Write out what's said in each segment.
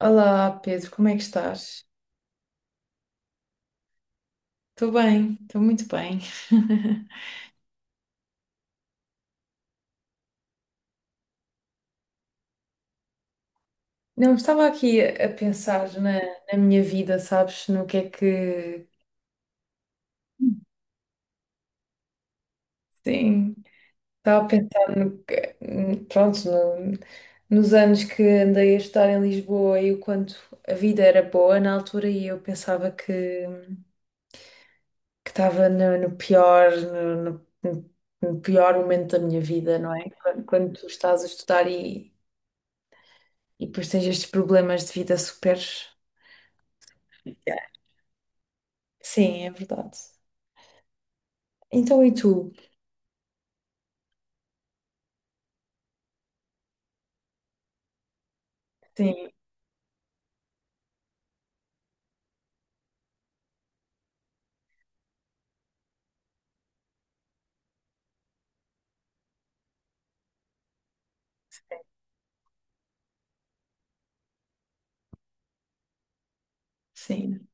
Olá, Pedro, como é que estás? Estou bem, estou muito bem. Não, estava aqui a pensar na, na minha vida, sabes? No que é que. Sim, estava a pensar no que. Pronto, nos anos que andei a estudar em Lisboa e o quanto a vida era boa na altura e eu pensava que estava no, no pior, no, no pior momento da minha vida, não é? Quando, quando tu estás a estudar e depois tens estes problemas de vida super. Sim, é verdade. Então, e tu? Sim, sim,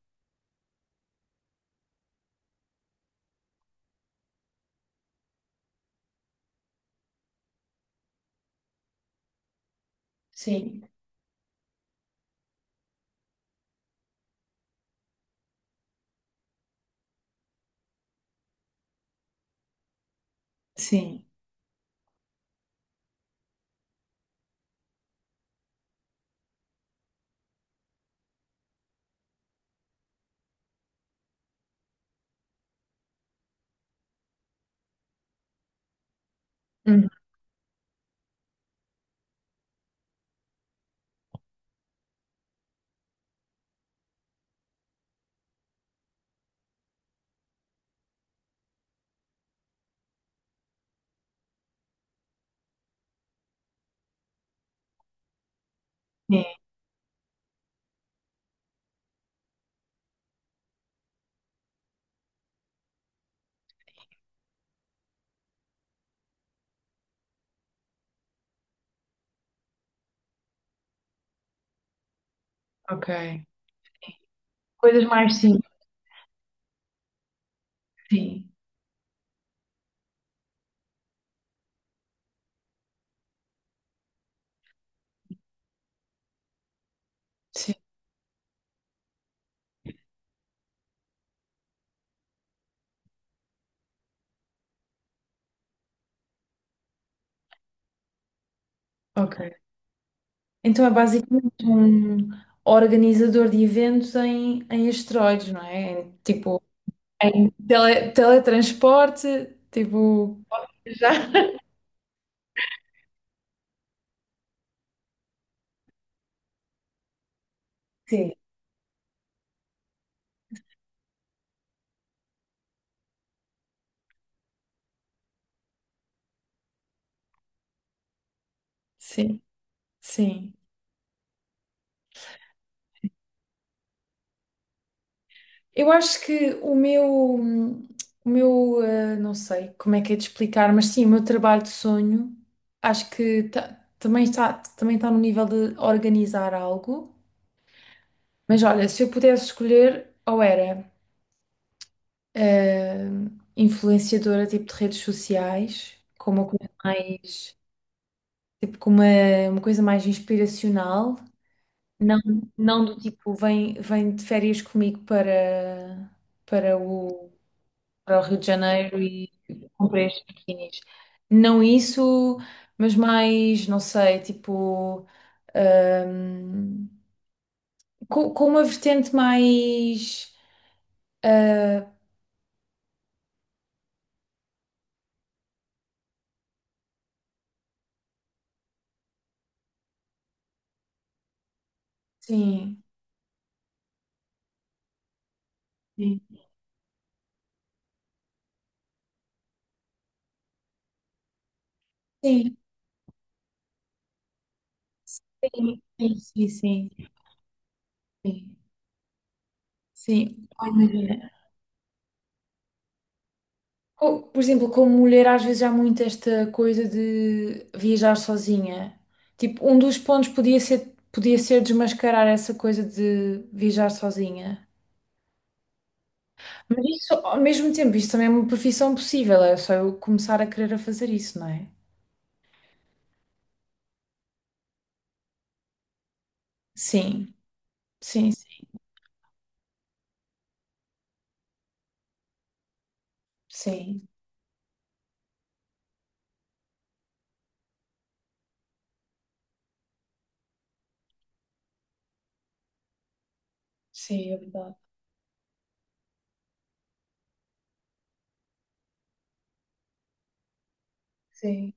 sim, sim. Uhum. Sim, ok. Coisas mais simples, sim, sim, ok. Então é basicamente um organizador de eventos em, em asteroides, não é? Em, tipo, em teletransporte, tipo. Já. Sim, sim, sim. Eu acho que o meu, não sei como é que é de explicar, mas sim, o meu trabalho de sonho, acho que também está no nível de organizar algo. Mas olha, se eu pudesse escolher, ou era, influenciadora tipo de redes sociais, com uma coisa mais, tipo com uma coisa mais inspiracional, não, não do tipo vem, vem de férias comigo para, para o para o Rio de Janeiro e comprei estes biquinis. Não isso, mas mais, não sei, tipo, hum, com uma vertente mais. ah, sim, sim, sim, sim, sim, sim, sim. Sim. Sim. Ai, imagina. Por exemplo, como mulher, às vezes há muito esta coisa de viajar sozinha. Tipo, um dos pontos podia ser desmascarar essa coisa de viajar sozinha. Mas isso, ao mesmo tempo, isso também é uma profissão possível, é só eu começar a querer a fazer isso, não é? Sim, sim, sim, sim, sim, é verdade. Sim,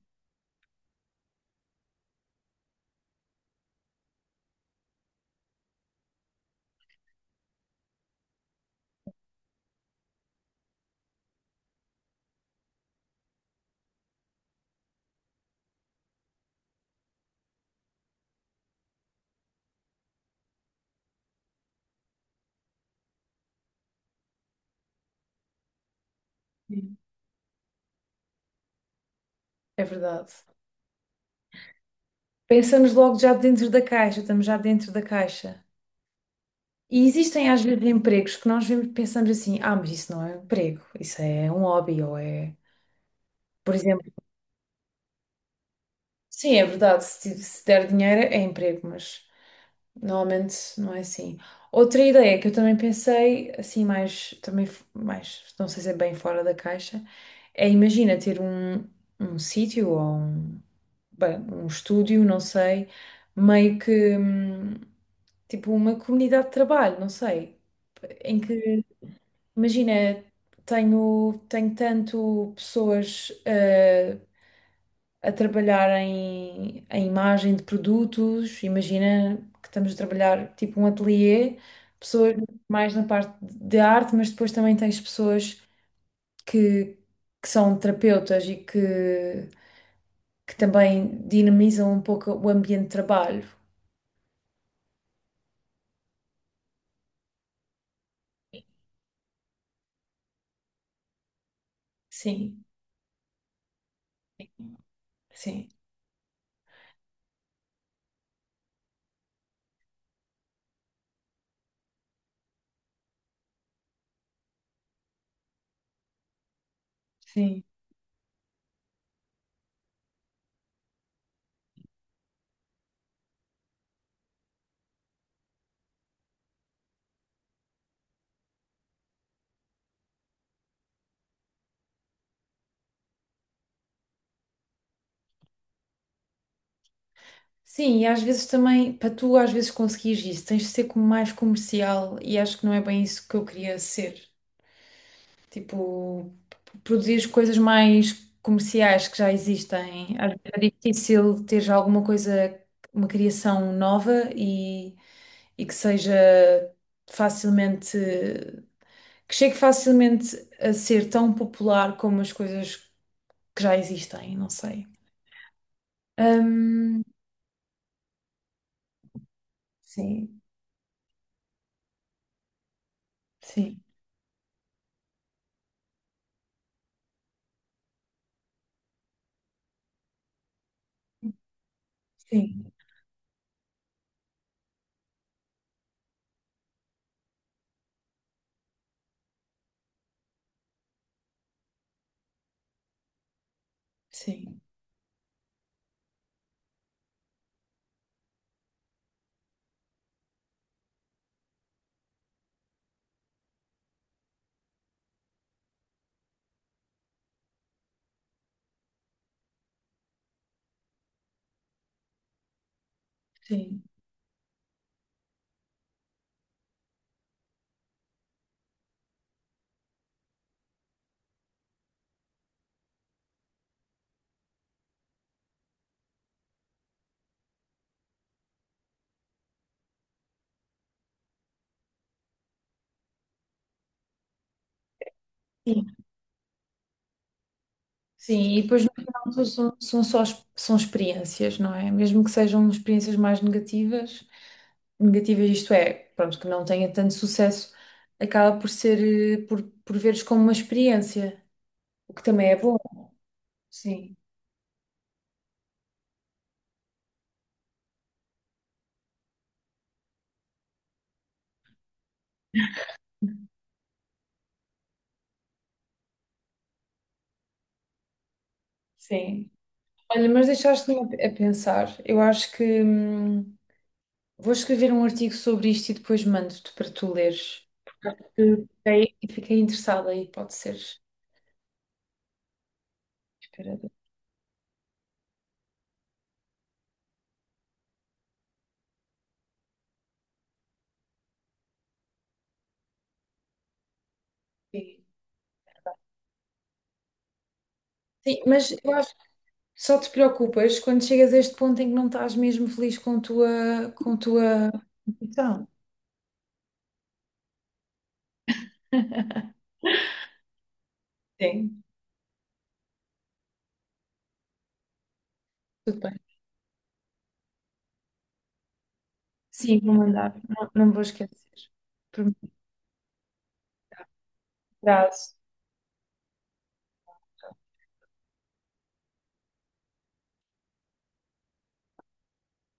sim, é verdade. Pensamos logo já dentro da caixa, estamos já dentro da caixa. E existem às vezes empregos que nós vemos, pensamos assim, ah, mas isso não é um emprego, isso é um hobby, ou é, por exemplo. Sim, é verdade. Se, se der dinheiro é emprego, mas normalmente não é assim. Outra ideia que eu também pensei, assim, mais, também mais, não sei se é bem fora da caixa, é imagina ter um, um sítio ou um, bem, um estúdio, não sei, meio que tipo uma comunidade de trabalho, não sei, em que imagina, tenho, tenho tanto pessoas. A trabalhar em, em imagem de produtos. Imagina que estamos a trabalhar tipo um ateliê, pessoas mais na parte de arte, mas depois também tens pessoas que, que são terapeutas e que também dinamizam um pouco o ambiente de trabalho. Sim, sim. Sim. Sim, e às vezes também, para tu às vezes conseguires isso, tens de ser como mais comercial e acho que não é bem isso que eu queria ser. Tipo, produzir coisas mais comerciais que já existem. Às vezes é difícil ter já alguma coisa, uma criação nova e que seja facilmente, que chegue facilmente a ser tão popular como as coisas que já existem, não sei. Hum, sim, sim, sim, sim, sim. Sim, e depois no final tudo são, são só são experiências, não é? Mesmo que sejam experiências mais negativas, negativas isto é, pronto, que não tenha tanto sucesso, acaba por ser, por veres como uma experiência, o que também é bom. Sim, sim. Olha, mas deixaste-me a pensar. Eu acho que vou escrever um artigo sobre isto e depois mando-te para tu leres. Eu fiquei, fiquei interessada aí, pode ser. Espera. Sim, sim, mas eu acho só te preocupas quando chegas a este ponto em que não estás mesmo feliz com a tua profissão. Sim, tudo bem. Sim, vou mandar. Não, não vou esquecer. Por mim,